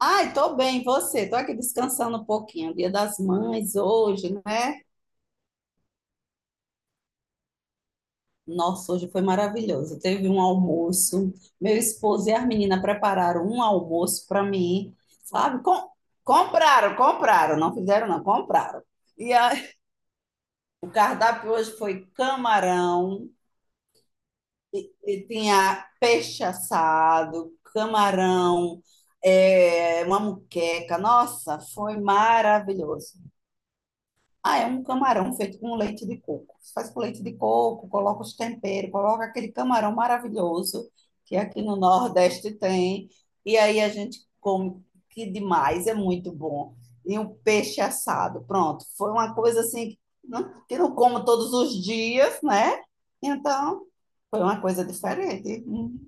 Ai, tô bem, você? Tô aqui descansando um pouquinho. Dia das Mães hoje, né? Nossa, hoje foi maravilhoso. Teve um almoço. Meu esposo e as meninas prepararam um almoço para mim, sabe? Compraram, não fizeram, não, compraram. E aí, o cardápio hoje foi camarão, e tinha peixe assado, camarão, uma muqueca. Nossa, foi maravilhoso. Ah, é um camarão feito com leite de coco. Você faz com leite de coco, coloca os temperos, coloca aquele camarão maravilhoso que aqui no Nordeste tem. E aí a gente come que demais, é muito bom. E um peixe assado, pronto. Foi uma coisa assim que não como todos os dias, né? Então, foi uma coisa diferente. Hum.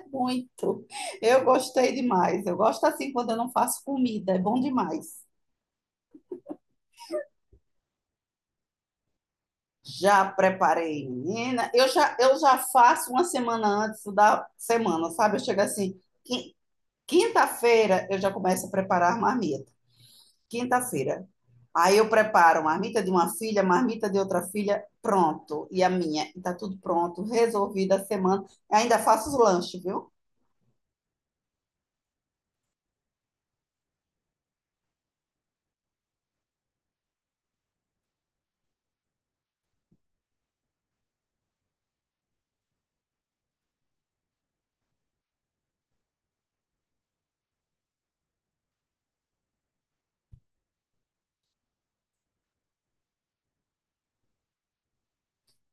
É muito. Eu gostei demais. Eu gosto assim quando eu não faço comida, é bom demais. Já preparei, menina. Eu já faço uma semana antes da semana, sabe? Eu chego assim, quinta-feira eu já começo a preparar a marmita. Quinta-feira. Aí eu preparo marmita de uma filha, marmita de outra filha, pronto. E a minha, e tá tudo pronto, resolvida a semana. Ainda faço os lanches, viu?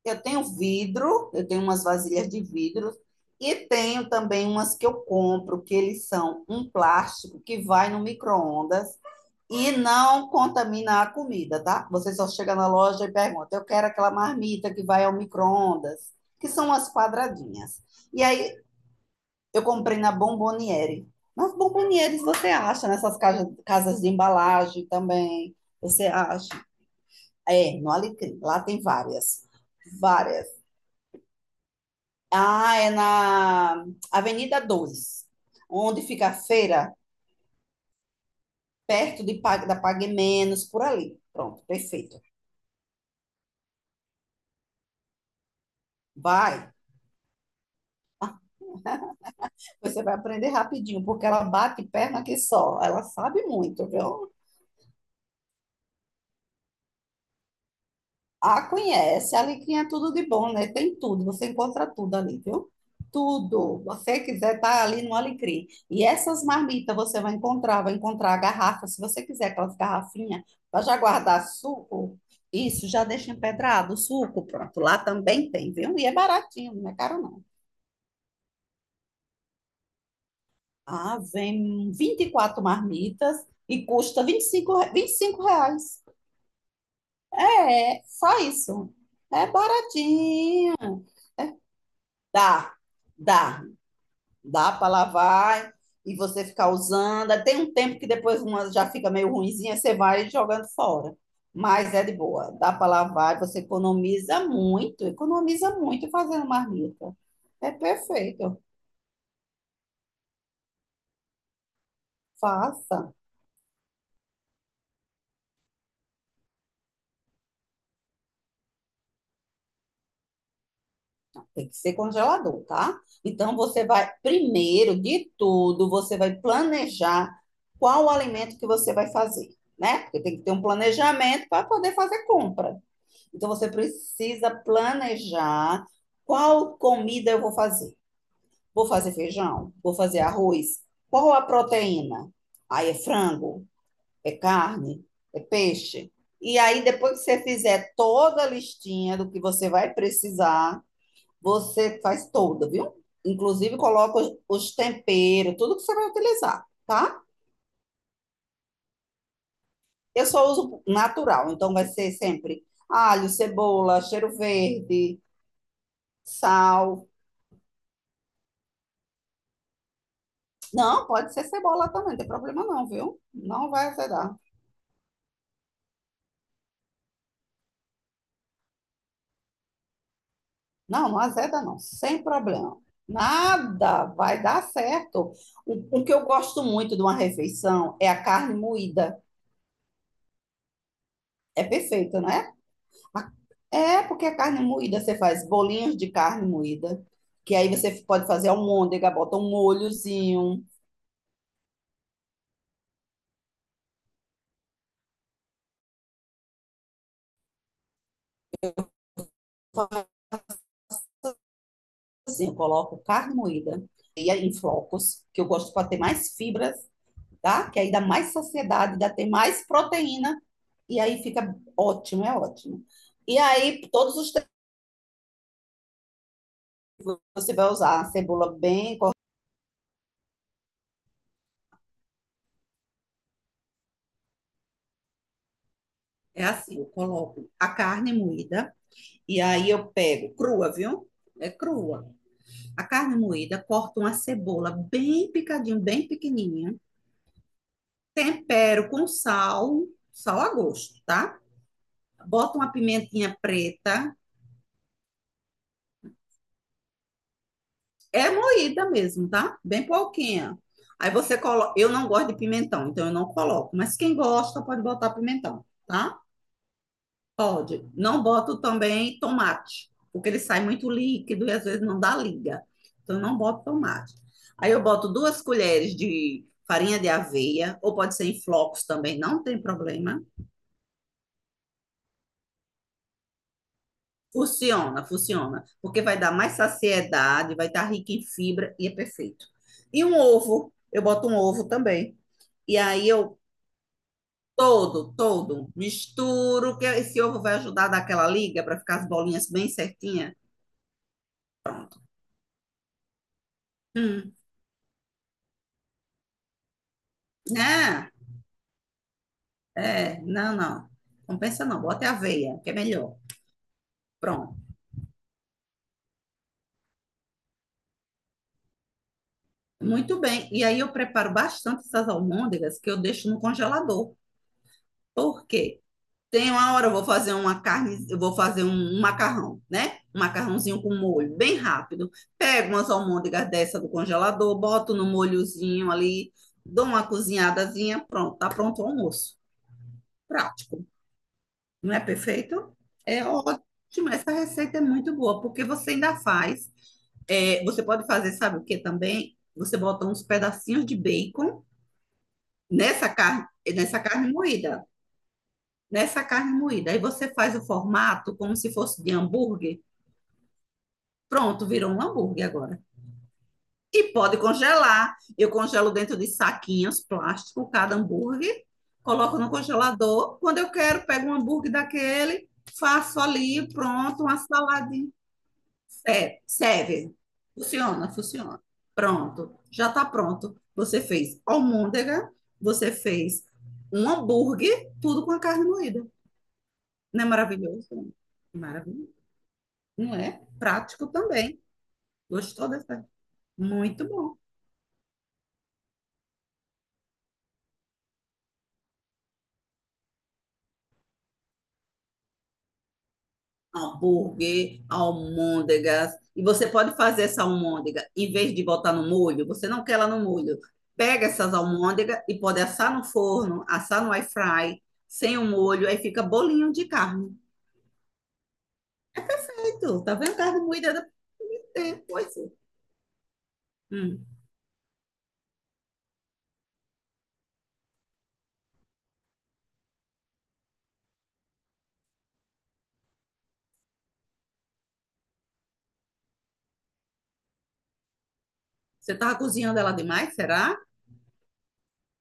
Eu tenho vidro, eu tenho umas vasilhas de vidro e tenho também umas que eu compro, que eles são um plástico que vai no micro-ondas e não contamina a comida, tá? Você só chega na loja e pergunta: eu quero aquela marmita que vai ao micro-ondas, que são as quadradinhas. E aí eu comprei na Bomboniere. Mas bombonieres você acha nessas casas de embalagem também? Você acha? É, no Alecrim. Lá tem várias. Várias. Ah, é na Avenida 2, onde fica a feira, perto da Pague Menos, por ali. Pronto, perfeito. Vai. Você vai aprender rapidinho, porque ela bate perna que só. Ela sabe muito, viu? A conhece, a Alecrim é tudo de bom, né? Tem tudo, você encontra tudo ali, viu? Tudo. Você quiser, tá ali no Alecrim. E essas marmitas você vai encontrar a garrafa, se você quiser aquelas garrafinhas, para já guardar suco. Isso, já deixa empedrado o suco, pronto. Lá também tem, viu? E é baratinho, não é caro não. Ah, vem 24 marmitas e custa R$ 25. É, só isso. É baratinho. Dá, dá, dá para lavar e você ficar usando. Tem um tempo que depois uma já fica meio ruinzinha, você vai jogando fora. Mas é de boa, dá para lavar, você economiza muito fazendo marmita. É perfeito, faça. Tem que ser congelador, tá? Então você vai, primeiro de tudo, você vai planejar qual o alimento que você vai fazer, né? Porque tem que ter um planejamento para poder fazer compra. Então você precisa planejar qual comida eu vou fazer. Vou fazer feijão? Vou fazer arroz? Qual a proteína? Aí é frango, é carne, é peixe. E aí depois que você fizer toda a listinha do que você vai precisar, você faz toda, viu? Inclusive coloca os temperos, tudo que você vai utilizar, tá? Eu só uso natural, então vai ser sempre alho, cebola, cheiro verde, sal. Não, pode ser cebola também, não tem problema não, viu? Não vai azedar. Não, não azeda não, sem problema. Nada, vai dar certo. O que eu gosto muito de uma refeição é a carne moída. É perfeita, né? É, porque a carne moída, você faz bolinhos de carne moída, que aí você pode fazer almôndega, bota um molhozinho. Faço. Assim, eu coloco carne moída e aí em flocos, que eu gosto para ter mais fibras, tá? Que aí dá mais saciedade, dá ter mais proteína, e aí fica ótimo, é ótimo. E aí, todos os tempos, você vai usar a cebola bem cortada. É assim, eu coloco a carne moída, e aí eu pego crua, viu? É crua. A carne moída, corto uma cebola bem picadinho, bem pequenininha, tempero com sal, sal a gosto, tá? Bota uma pimentinha preta, é moída mesmo, tá? Bem pouquinha. Aí você coloca, eu não gosto de pimentão, então eu não coloco, mas quem gosta pode botar pimentão, tá? Pode. Não boto também tomate, porque ele sai muito líquido e às vezes não dá liga. Então, eu não boto tomate. Aí eu boto duas colheres de farinha de aveia, ou pode ser em flocos também, não tem problema. Funciona, funciona, porque vai dar mais saciedade, vai estar rica em fibra e é perfeito. E um ovo, eu boto um ovo também. E aí eu todo misturo, que esse ovo vai ajudar a dar aquela liga para ficar as bolinhas bem certinhas. Hum, né? É, não, não. Compensa não, bota aveia, que é melhor. Pronto. Muito bem. E aí eu preparo bastante essas almôndegas que eu deixo no congelador. Por quê? Tem uma hora eu vou fazer uma carne, eu vou fazer um macarrão, né? Um macarrãozinho com molho, bem rápido. Pego umas almôndegas dessa do congelador, boto no molhozinho ali, dou uma cozinhadazinha, pronto, tá pronto o almoço. Prático. Não é perfeito? É ótimo. Essa receita é muito boa, porque você ainda faz. É, você pode fazer, sabe o que também? Você bota uns pedacinhos de bacon nessa carne, nessa carne moída. Nessa carne moída. Aí você faz o formato como se fosse de hambúrguer. Pronto, virou um hambúrguer agora. E pode congelar. Eu congelo dentro de saquinhos plástico cada hambúrguer, coloco no congelador. Quando eu quero, pego um hambúrguer daquele, faço ali, pronto, uma saladinha. Serve, serve. Funciona, funciona. Pronto, já está pronto. Você fez almôndega, você fez um hambúrguer, tudo com a carne moída. Não é maravilhoso? É maravilhoso. Não é? Prático também. Gostou dessa? Muito bom. Hambúrguer, almôndegas. E você pode fazer essa almôndega, em vez de botar no molho, você não quer ela no molho. Pega essas almôndegas e pode assar no forno, assar no air fry, sem o molho, aí fica bolinho de carne. Tá vendo carne moída? Tem, pois é. Hum. Você tava cozinhando ela demais, será?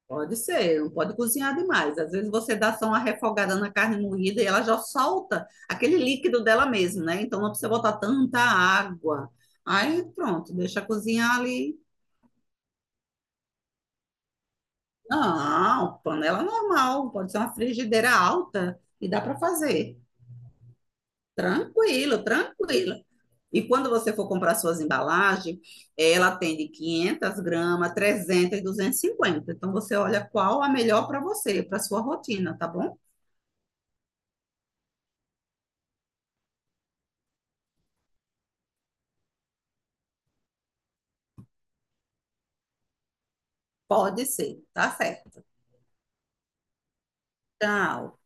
Pode ser, não pode cozinhar demais. Às vezes você dá só uma refogada na carne moída e ela já solta aquele líquido dela mesmo, né? Então não precisa botar tanta água. Aí pronto, deixa cozinhar ali. Não, panela normal, pode ser uma frigideira alta e dá para fazer. Tranquilo, tranquilo. E quando você for comprar suas embalagens, ela tem de 500 gramas, 300 e cinquenta. Então, você olha qual a melhor para você, para sua rotina, tá bom? Pode ser, tá certo. Tchau.